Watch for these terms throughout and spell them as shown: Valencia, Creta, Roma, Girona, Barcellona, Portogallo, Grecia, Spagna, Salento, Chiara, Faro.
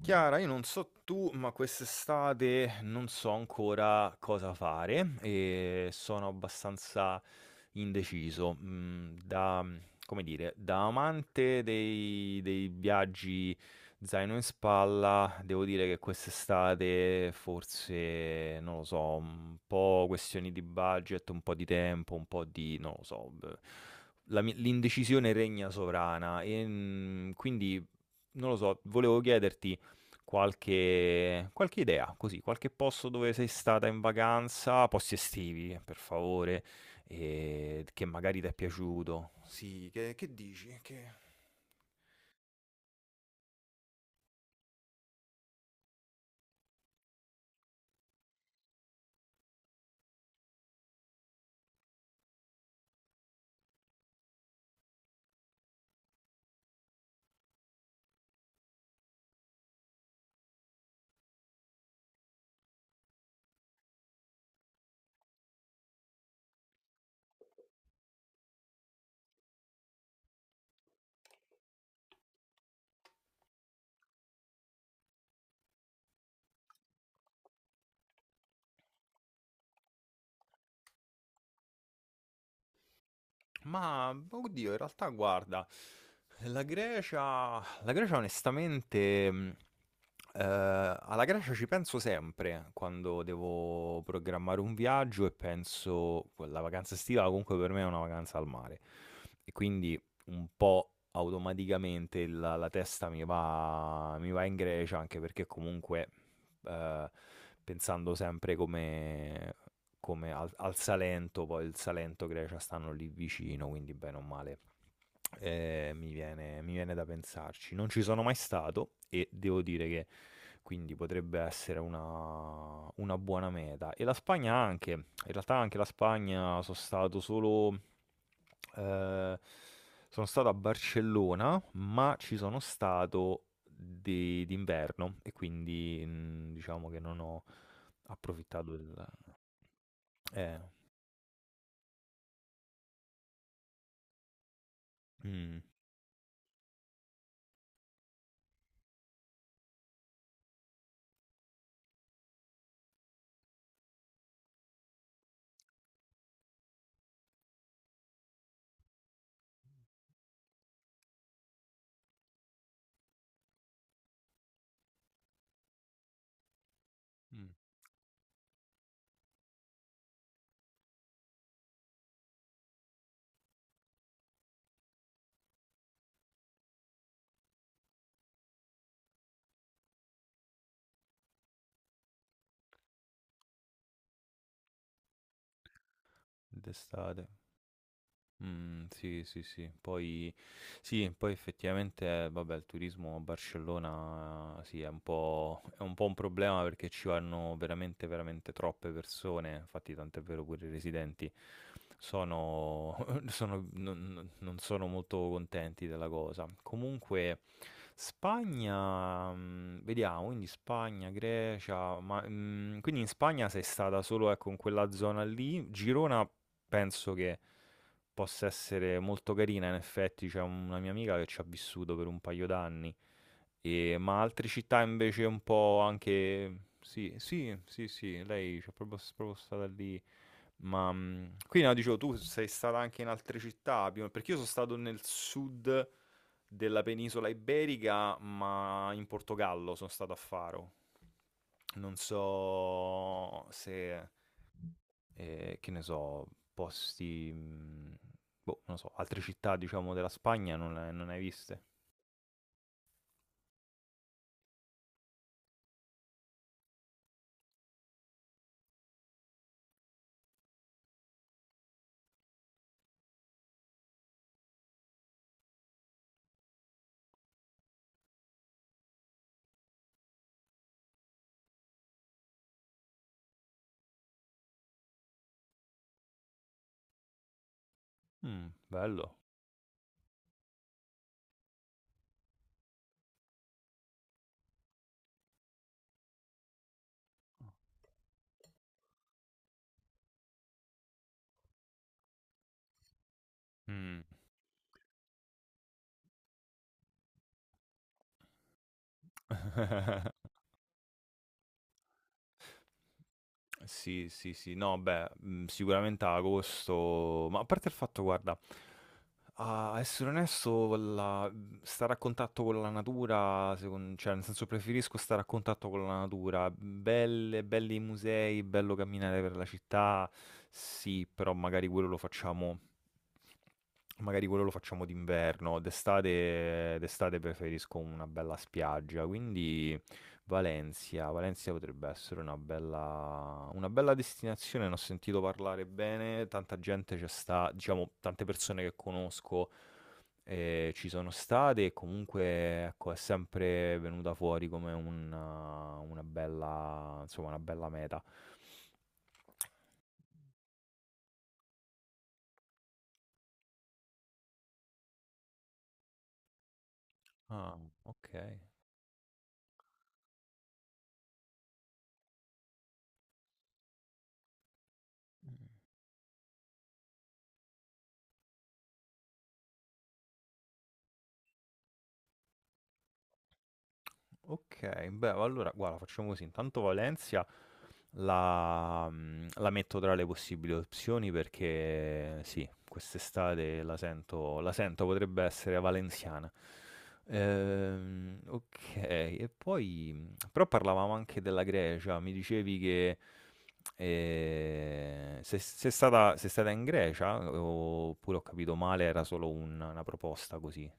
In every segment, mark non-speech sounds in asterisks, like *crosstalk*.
Chiara, io non so tu, ma quest'estate non so ancora cosa fare e sono abbastanza indeciso. Come dire, da amante dei viaggi zaino in spalla, devo dire che quest'estate forse, non lo so, un po' questioni di budget, un po' di tempo, un po' di, non lo so, beh, l'indecisione regna sovrana e quindi, non lo so, volevo chiederti... Qualche, qualche idea, così, qualche posto dove sei stata in vacanza, posti estivi, per favore, e che magari ti è piaciuto. Sì, che dici? Che... Ma oddio, in realtà guarda, la Grecia onestamente, eh, alla Grecia ci penso sempre quando devo programmare un viaggio e penso, la vacanza estiva comunque per me è una vacanza al mare e quindi un po' automaticamente la testa mi va in Grecia anche perché comunque eh, pensando sempre come come al Salento, poi il Salento e Grecia stanno lì vicino, quindi bene o male. Mi viene da pensarci. Non ci sono mai stato e devo dire che quindi potrebbe essere una buona meta. E la Spagna anche, in realtà anche la Spagna sono stato solo... eh, sono stato a Barcellona, ma ci sono stato d'inverno e quindi diciamo che non ho approfittato del... Eh, mm. Mh. D'estate. Sì, sì, sì. Poi sì, poi effettivamente, vabbè, il turismo a Barcellona sì, è un po' un problema perché ci vanno veramente, veramente troppe persone, infatti tant'è vero pure i residenti sono *laughs* sono non sono molto contenti della cosa. Comunque Spagna, mhmm, vediamo, quindi Spagna, Grecia, ma, mhmm, quindi in Spagna sei stata solo, ecco, in quella zona lì. Girona penso che possa essere molto carina, in effetti c'è una mia amica che ci ha vissuto per un paio d'anni, ma altre città invece un po' anche... Sì, sì, sì, sì, lei c'è proprio, proprio stata lì. Ma qui no, dicevo, tu sei stata anche in altre città, più- perché io sono stato nel sud della penisola iberica, ma in Portogallo sono stato a Faro. Non so se, che ne so, posti, boh, non lo so, altre città, diciamo, della Spagna non, non ne hai viste? Mm, bello. Mm. *laughs* Sì, sì, sì, no, beh, sicuramente a agosto, ma a parte il fatto, guarda, a essere onesto, stare a contatto con la natura, cioè, nel senso preferisco stare a contatto con la natura, belle, belli i musei, bello camminare per la città, sì, però magari quello lo facciamo Magari quello lo facciamo d'inverno, d'estate preferisco una bella spiaggia, quindi Valencia, Valencia potrebbe essere una bella destinazione, ne ho sentito parlare bene, tanta gente ci sta, diciamo, tante persone che conosco ci sono state e comunque ecco, è sempre venuta fuori come una bella, insomma, una bella meta. Ah, ok. Ok, beh, allora guarda, facciamo così. Intanto Valencia la metto tra le possibili opzioni perché sì, quest'estate la sento, potrebbe essere valenziana. Ok, e poi però parlavamo anche della Grecia, mi dicevi che se, se è stata, sei stata in Grecia oppure ho capito male, era solo una proposta così.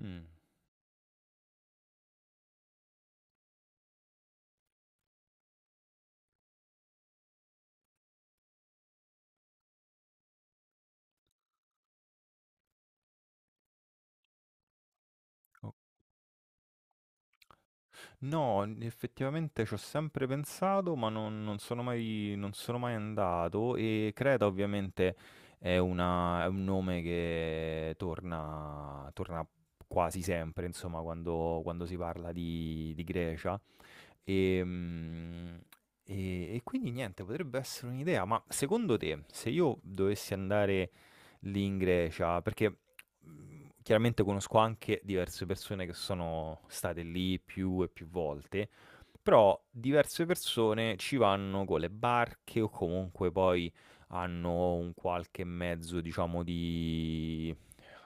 Mm, no, effettivamente ci ho sempre pensato, ma non, non sono mai, non sono mai andato e Creta ovviamente è, è un nome che torna, torna quasi sempre, insomma, quando, quando si parla di Grecia. Ehm, e quindi niente, potrebbe essere un'idea, ma secondo te, se io dovessi andare lì in Grecia, perché, mhmm, chiaramente conosco anche diverse persone che sono state lì più e più volte, però diverse persone ci vanno con le barche o comunque poi hanno un qualche mezzo, diciamo, di,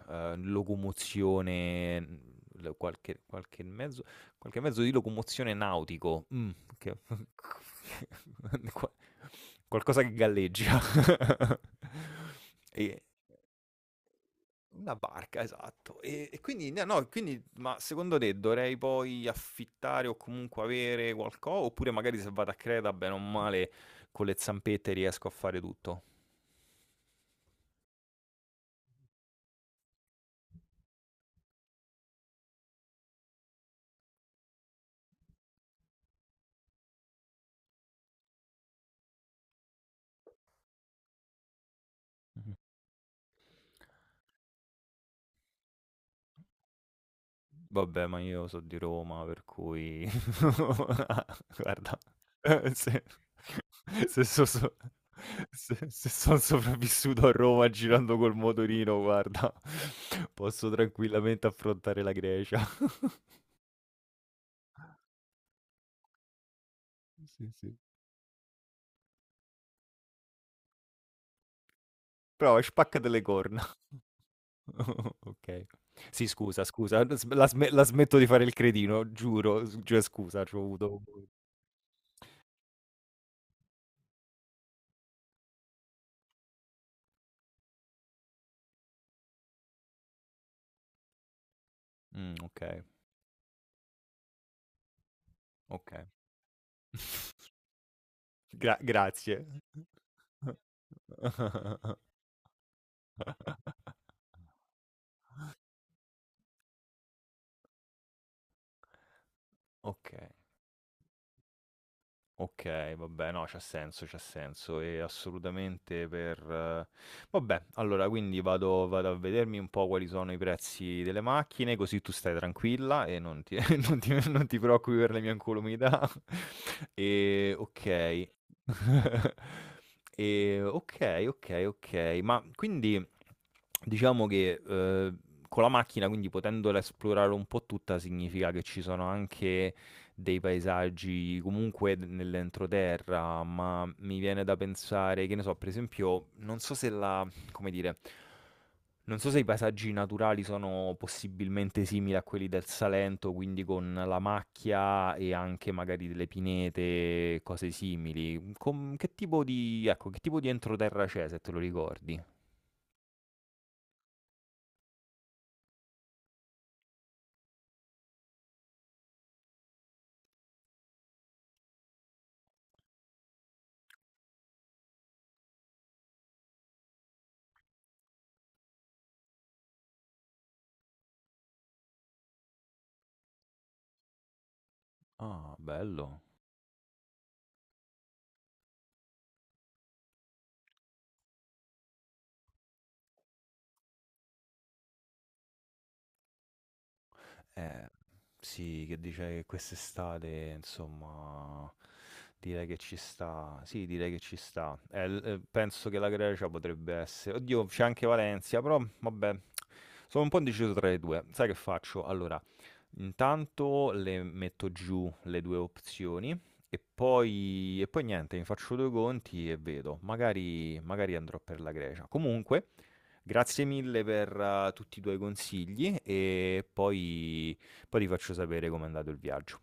locomozione, mhmm, l qualche qualche mezzo Qualche mezzo di locomozione nautico. Mm. che- *laughs* Qua- Qualcosa che galleggia. *laughs* E- Una barca, esatto. E quindi, no, no, quindi, ma secondo te dovrei poi affittare o comunque avere qualcosa? Oppure magari se vado a Creta, bene o male, con le zampette riesco a fare tutto? Vabbè, ma io so di Roma, per cui *laughs* Ah, guarda, *laughs* se, se, se sono sopravvissuto a Roma girando col motorino, guarda, posso tranquillamente affrontare la Grecia. *laughs* Sì, sì. Però spaccate le corna. *laughs* Ok. Sì, scusa, scusa, la, la smetto di fare il cretino, giuro, cioè, scusa, ci ho avuto... Mm, ok, ok. *laughs* Grazie. *laughs* Ok, ok, vabbè, no, c'ha senso, e assolutamente per... vabbè, allora, quindi vado, vado a vedermi un po' quali sono i prezzi delle macchine, così tu stai tranquilla e non ti, *laughs* non ti- non ti preoccupi per le mie incolumità. *laughs* E ok. *laughs* E ok, ok, ok, ma quindi diciamo che con la macchina, quindi potendola esplorare un po' tutta, significa che ci sono anche dei paesaggi comunque nell'entroterra, ma mi viene da pensare, che ne so, per esempio, non so se la, come dire, non so se i paesaggi naturali sono possibilmente simili a quelli del Salento, quindi con la macchia e anche magari delle pinete, cose simili. Che tipo di, ecco, che tipo di entroterra c'è, se te lo ricordi? Ah, bello. Eh, sì, che dice che quest'estate, insomma, direi che ci sta. Sì, direi che ci sta. Penso che la Grecia potrebbe essere. Oddio, c'è anche Valencia, però vabbè, sono un po' indeciso tra le due. Sai che faccio? Allora, intanto le metto giù le due opzioni e poi niente, mi faccio due conti e vedo. Magari, magari andrò per la Grecia. Comunque, grazie mille per, tutti i tuoi consigli e poi poi ti faccio sapere com'è andato il viaggio.